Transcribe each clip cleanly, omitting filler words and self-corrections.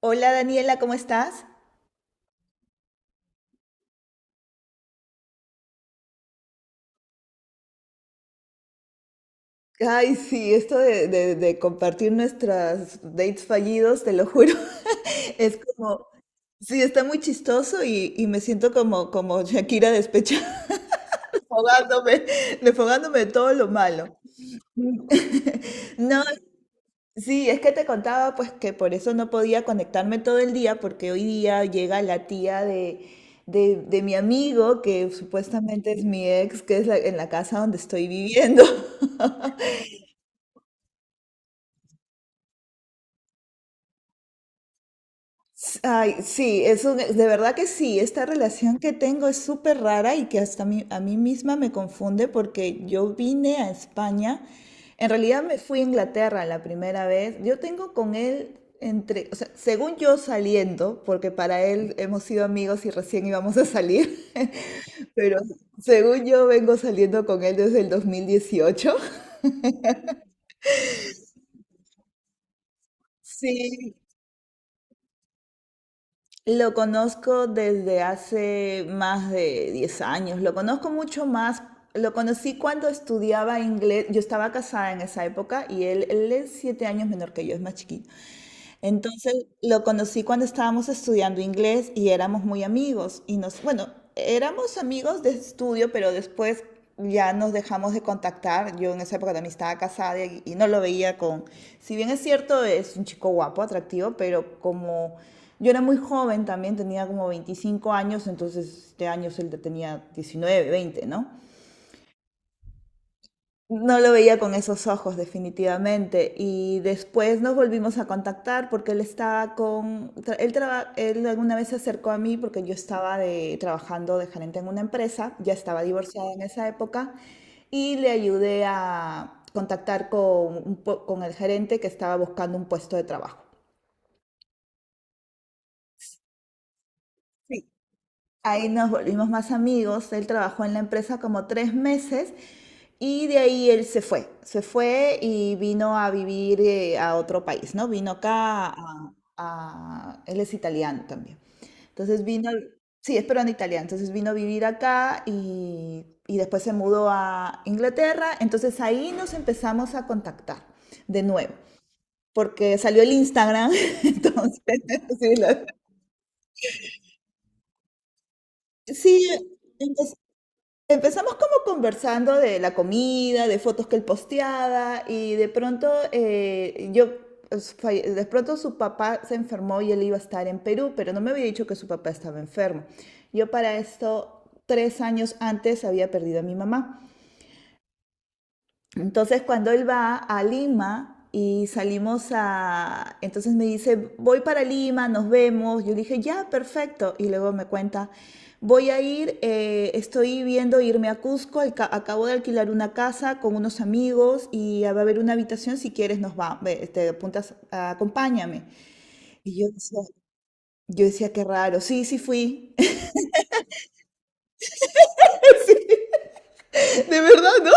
Hola Daniela, ¿cómo estás? Ay, sí, esto de compartir nuestras dates fallidos, te lo juro, es como, sí, está muy chistoso y me siento como Shakira despechada, desfogándome, desfogándome de todo lo malo. No, sí, es que te contaba pues que por eso no podía conectarme todo el día, porque hoy día llega la tía de mi amigo, que supuestamente es mi ex, que es en la casa donde estoy viviendo. Ay, sí, es de verdad que sí, esta relación que tengo es súper rara y que hasta a mí misma me confunde porque yo vine a España, en realidad me fui a Inglaterra la primera vez. Yo tengo con él entre, o sea, según yo saliendo, porque para él hemos sido amigos y recién íbamos a salir. Pero según yo vengo saliendo con él desde el 2018. Sí, lo conozco desde hace más de 10 años. Lo conozco mucho más. Lo conocí cuando estudiaba inglés. Yo estaba casada en esa época y él es 7 años menor que yo, es más chiquito. Entonces lo conocí cuando estábamos estudiando inglés y éramos muy amigos y nos, bueno, éramos amigos de estudio, pero después ya nos dejamos de contactar. Yo en esa época también estaba casada y no lo veía con, si bien es cierto, es un chico guapo, atractivo, pero como yo era muy joven también, tenía como 25 años. Entonces este año él tenía 19 veinte, ¿no? No lo veía con esos ojos, definitivamente. Y después nos volvimos a contactar porque él estaba con, tra- él, traba- él alguna vez se acercó a mí porque yo estaba trabajando de gerente en una empresa, ya estaba divorciada en esa época, y le ayudé a contactar con, con el gerente que estaba buscando un puesto de trabajo. Ahí nos volvimos más amigos. Él trabajó en la empresa como 3 meses y de ahí él se fue. Se fue y vino a vivir a otro país, ¿no? Vino acá, él es italiano también. Entonces vino... Sí, es peruano italiano. Entonces vino a vivir acá y después se mudó a Inglaterra. Entonces ahí nos empezamos a contactar de nuevo. Porque salió el Instagram, entonces, sí, sí, empezamos como conversando de la comida, de fotos que él posteaba y de pronto yo, pues, de pronto su papá se enfermó y él iba a estar en Perú, pero no me había dicho que su papá estaba enfermo. Yo para esto, 3 años antes, había perdido a mi mamá. Entonces, cuando él va a Lima y salimos a... Entonces me dice, voy para Lima, nos vemos. Yo le dije, ya, perfecto. Y luego me cuenta, voy a ir, estoy viendo irme a Cusco, acabo de alquilar una casa con unos amigos y va a haber una habitación, si quieres nos va, ve, te apuntas, acompáñame. Y yo decía, qué raro. Sí, sí fui. De verdad, ¿no?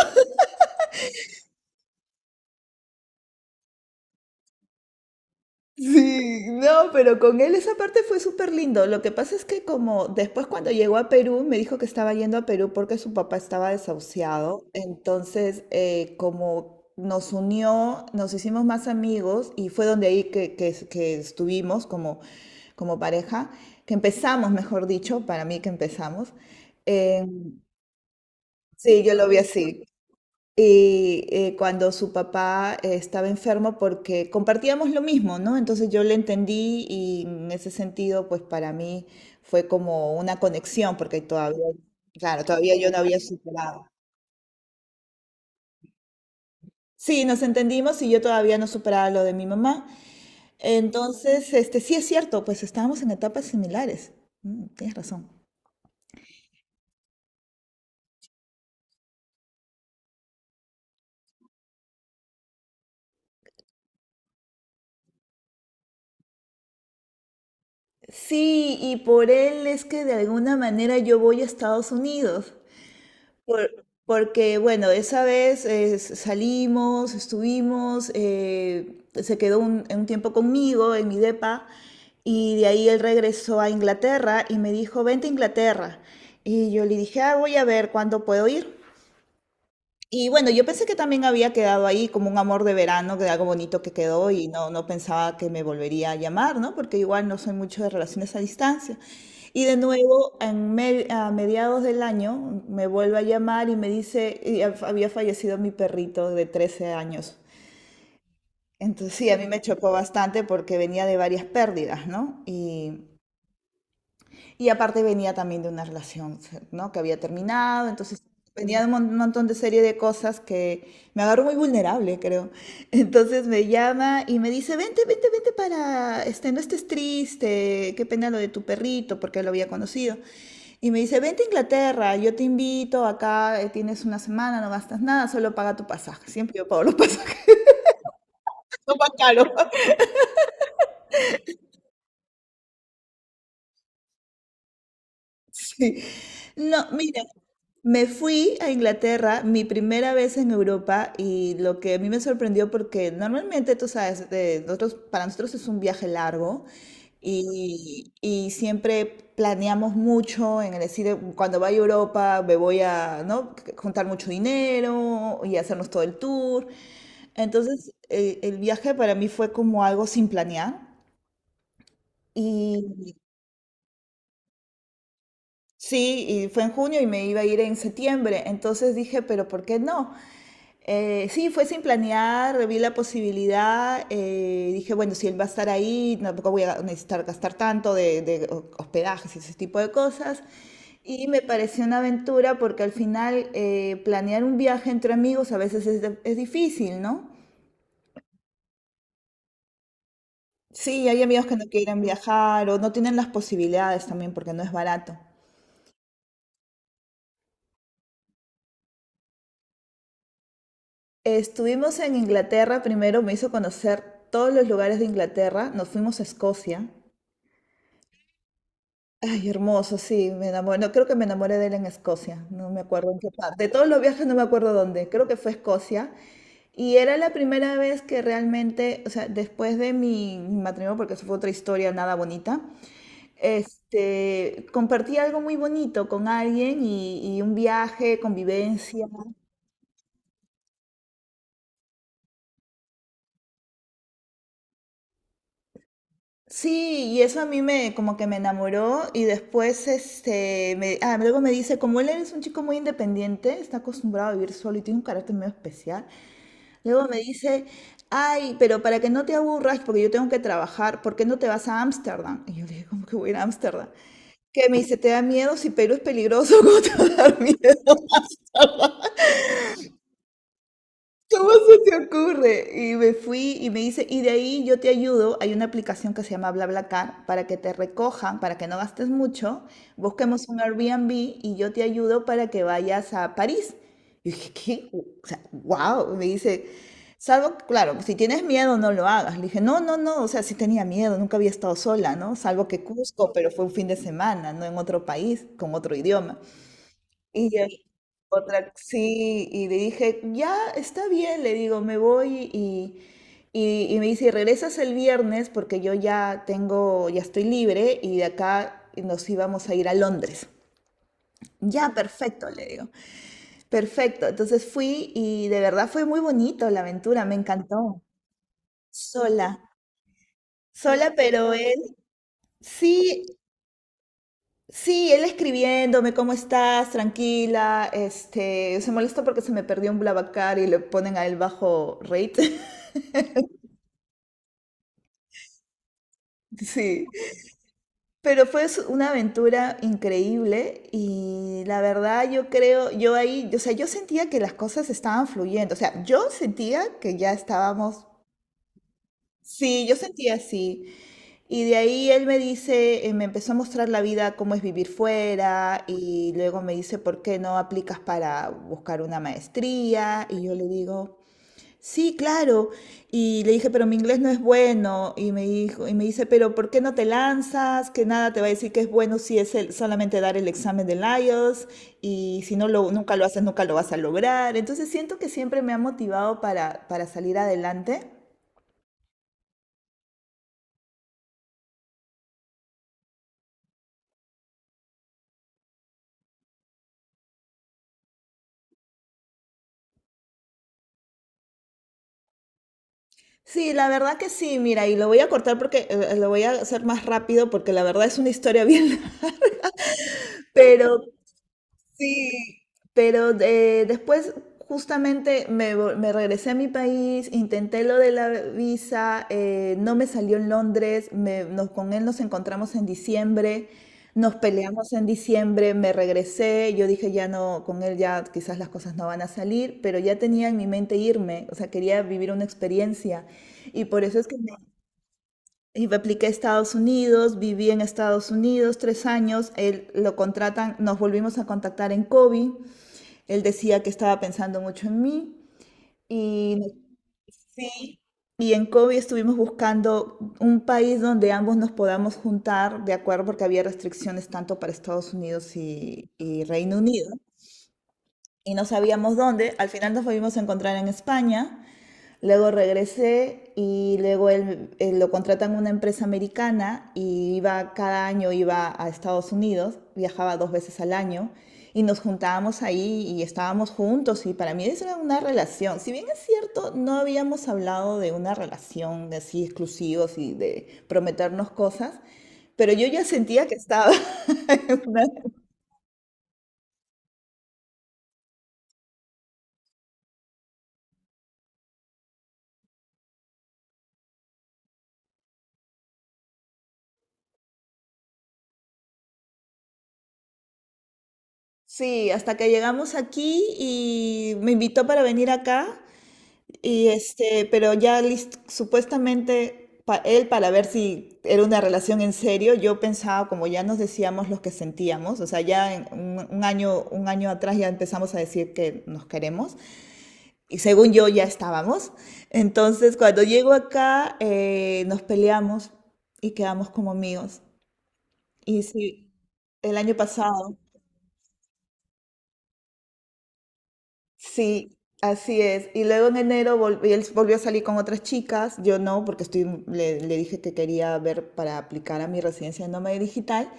Sí, no, pero con él esa parte fue súper lindo. Lo que pasa es que como después cuando llegó a Perú me dijo que estaba yendo a Perú porque su papá estaba desahuciado. Entonces, como nos unió, nos hicimos más amigos y fue donde ahí que estuvimos como, como pareja, que empezamos, mejor dicho, para mí que empezamos. Eh, sí, yo lo vi así. Y cuando su papá estaba enfermo, porque compartíamos lo mismo, ¿no? Entonces yo le entendí y en ese sentido, pues para mí fue como una conexión porque todavía, claro, todavía yo no había superado. Sí, nos entendimos y yo todavía no superaba lo de mi mamá. Entonces, este, sí es cierto, pues estábamos en etapas similares. Mm, tienes razón. Sí, y por él es que de alguna manera yo voy a Estados Unidos. Porque, bueno, esa vez salimos, estuvimos, se quedó un tiempo conmigo en mi depa y de ahí él regresó a Inglaterra y me dijo, vente a Inglaterra. Y yo le dije, ah, voy a ver cuándo puedo ir. Y bueno, yo pensé que también había quedado ahí como un amor de verano, que algo bonito que quedó, y no, no pensaba que me volvería a llamar, ¿no? Porque igual no soy mucho de relaciones a distancia. Y de nuevo, a mediados del año, me vuelve a llamar y me dice, y había fallecido mi perrito de 13 años. Entonces sí, a mí me chocó bastante porque venía de varias pérdidas, ¿no? Y aparte venía también de una relación, ¿no? Que había terminado. Entonces venía de un montón de serie de cosas que me agarró muy vulnerable, creo. Entonces me llama y me dice, vente, vente, vente para, este, no estés triste, qué pena lo de tu perrito, porque lo había conocido. Y me dice, vente a Inglaterra, yo te invito, acá tienes una semana, no gastas nada, solo paga tu pasaje. Siempre yo pago los pasajes, no más caro. Sí. No, mira, me fui a Inglaterra, mi primera vez en Europa, y lo que a mí me sorprendió porque normalmente, tú sabes, de nosotros, para nosotros es un viaje largo y siempre planeamos mucho en el decir, cuando vaya a Europa me voy a, ¿no?, juntar mucho dinero y hacernos todo el tour. Entonces, el viaje para mí fue como algo sin planear. Y sí, y fue en junio y me iba a ir en septiembre. Entonces dije, pero ¿por qué no? Sí, fue sin planear, vi la posibilidad, dije, bueno, si él va a estar ahí, tampoco voy a necesitar gastar tanto de hospedajes y ese tipo de cosas. Y me pareció una aventura porque al final planear un viaje entre amigos a veces es difícil, ¿no? Sí, hay amigos que no quieren viajar o no tienen las posibilidades también porque no es barato. Estuvimos en Inglaterra primero, me hizo conocer todos los lugares de Inglaterra, nos fuimos a Escocia. Ay, hermoso, sí, me enamoré. No, creo que me enamoré de él en Escocia, no me acuerdo en qué parte. De todos los viajes no me acuerdo dónde, creo que fue Escocia. Y era la primera vez que realmente, o sea, después de mi matrimonio, porque eso fue otra historia nada bonita, este, compartí algo muy bonito con alguien, y un viaje, convivencia. Sí, y eso a mí me como que me enamoró y después este me, ah, luego me dice, como él es un chico muy independiente, está acostumbrado a vivir solo y tiene un carácter medio especial, luego me dice, ay, pero para que no te aburras, porque yo tengo que trabajar, ¿por qué no te vas a Ámsterdam? Y yo le dije, ¿cómo que voy a ir a Ámsterdam? Que me dice, ¿te da miedo? Si Perú es peligroso, ¿cómo te va a dar miedo? ¿Cómo se te ocurre? Y me fui y me dice, y de ahí yo te ayudo, hay una aplicación que se llama BlaBlaCar para que te recojan, para que no gastes mucho, busquemos un Airbnb y yo te ayudo para que vayas a París. Y dije, ¿qué? O sea, wow, me dice, salvo, claro, si tienes miedo no lo hagas. Le dije, no, no, no, o sea, sí tenía miedo, nunca había estado sola, ¿no? Salvo que Cusco, pero fue un fin de semana, no en otro país, con otro idioma. Y ya. Sí, otra, sí, y le dije, ya está bien, le digo, me voy, y me dice, "Y regresas el viernes porque yo ya tengo, ya estoy libre, y de acá nos íbamos a ir a Londres." Ya, perfecto, le digo, perfecto. Entonces fui y de verdad fue muy bonito la aventura, me encantó. Sola, sola, pero él, sí, sí, él escribiéndome, ¿cómo estás? Tranquila. Este, se molesta porque se me perdió un Blablacar y le ponen a él bajo rate. Sí. Pero fue una aventura increíble, y la verdad yo creo, yo ahí, o sea, yo sentía que las cosas estaban fluyendo. O sea, yo sentía que ya estábamos, sí, yo sentía así. Y de ahí él me dice, me empezó a mostrar la vida, cómo es vivir fuera, y luego me dice, ¿por qué no aplicas para buscar una maestría? Y yo le digo, sí, claro. Y le dije, pero mi inglés no es bueno. Y me dice, pero ¿por qué no te lanzas? Que nada te va a decir que es bueno si es solamente dar el examen del IELTS, y si no lo, nunca lo haces, nunca lo vas a lograr. Entonces siento que siempre me ha motivado para salir adelante. Sí, la verdad que sí, mira, y lo voy a cortar porque lo voy a hacer más rápido porque la verdad es una historia bien, pero sí, pero después justamente me regresé a mi país, intenté lo de la visa, no me salió en Londres, con él nos encontramos en diciembre, nos peleamos en diciembre, me regresé, yo dije ya no, con él ya quizás las cosas no van a salir, pero ya tenía en mi mente irme, o sea, quería vivir una experiencia y por eso es que me y me apliqué a Estados Unidos, viví en Estados Unidos 3 años, él lo contratan, nos volvimos a contactar en Kobe, él decía que estaba pensando mucho en mí y, y en Kobe estuvimos buscando un país donde ambos nos podamos juntar, de acuerdo, porque había restricciones tanto para Estados Unidos y Reino Unido y no sabíamos dónde, al final nos volvimos a encontrar en España. Luego regresé y luego él lo contratan en una empresa americana y iba cada año iba a Estados Unidos, viajaba 2 veces al año y nos juntábamos ahí y estábamos juntos y para mí eso era una relación. Si bien es cierto, no habíamos hablado de una relación de así exclusivos y de prometernos cosas, pero yo ya sentía que estaba en una- Sí, hasta que llegamos aquí y me invitó para venir acá. Y este, pero ya supuestamente él para ver si era una relación en serio, yo pensaba como ya nos decíamos los que sentíamos, o sea, ya en un año atrás ya empezamos a decir que nos queremos y según yo ya estábamos. Entonces, cuando llego acá, nos peleamos y quedamos como amigos. Y sí, el año pasado. Sí, así es. Y luego en enero él volvió a salir con otras chicas, yo no, porque estoy, le dije que quería ver para aplicar a mi residencia de nómada digital.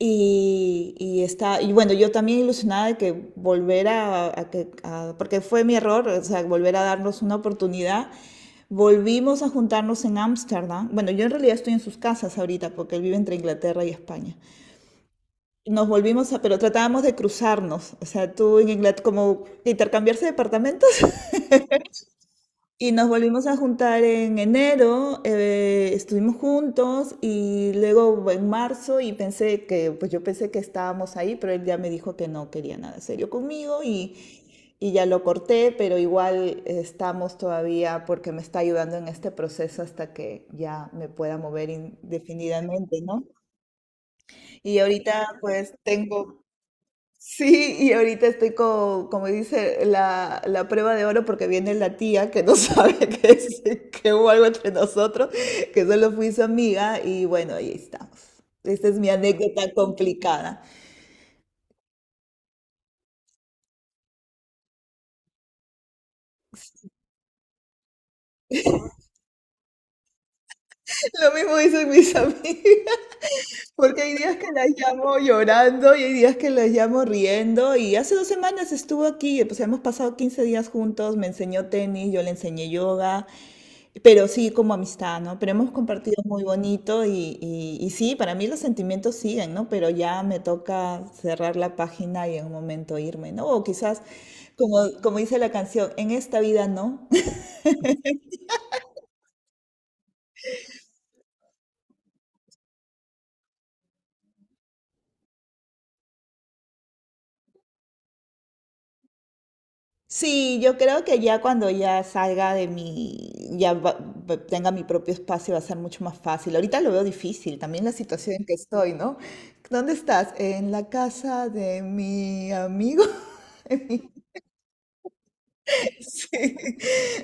Y está, y bueno, yo también ilusionada de que volver a que, a- porque fue mi error, o sea, volver a darnos una oportunidad. Volvimos a juntarnos en Ámsterdam. Bueno, yo en realidad estoy en sus casas ahorita porque él vive entre Inglaterra y España. Nos volvimos a, pero tratábamos de cruzarnos, o sea, tú en Inglaterra, como de intercambiarse departamentos. Y nos volvimos a juntar en enero, estuvimos juntos y luego en marzo y pensé que, pues yo pensé que estábamos ahí, pero él ya me dijo que no quería nada serio conmigo y ya lo corté, pero igual estamos todavía porque me está ayudando en este proceso hasta que ya me pueda mover indefinidamente, ¿no? Y ahorita pues tengo, sí, y ahorita estoy como dice, la prueba de oro porque viene la tía que no sabe que, que hubo algo entre nosotros, que solo fui su amiga y bueno, ahí estamos. Esta es mi anécdota complicada. Lo mismo dicen mis amigos. Porque hay días que las llamo llorando y hay días que las llamo riendo. Y hace dos semanas estuvo aquí, pues hemos pasado 15 días juntos, me enseñó tenis, yo le enseñé yoga, pero sí como amistad, ¿no? Pero hemos compartido muy bonito y sí, para mí los sentimientos siguen, ¿no? Pero ya me toca cerrar la página y en un momento irme, ¿no? O quizás, como, como dice la canción, en esta vida no, sí, yo creo que ya cuando ya salga de mi, ya va- tenga mi propio espacio va a ser mucho más fácil. Ahorita lo veo difícil, también la situación en que estoy, ¿no? ¿Dónde estás? En la casa de mi amigo. Sí.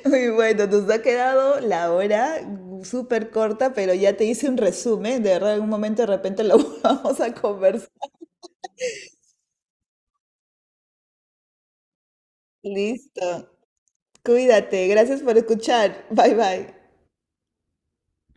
Muy bueno, nos ha quedado la hora súper corta, pero ya te hice un resumen. De verdad, en un momento de repente lo vamos a conversar. Listo. Cuídate. Gracias por escuchar. Bye bye.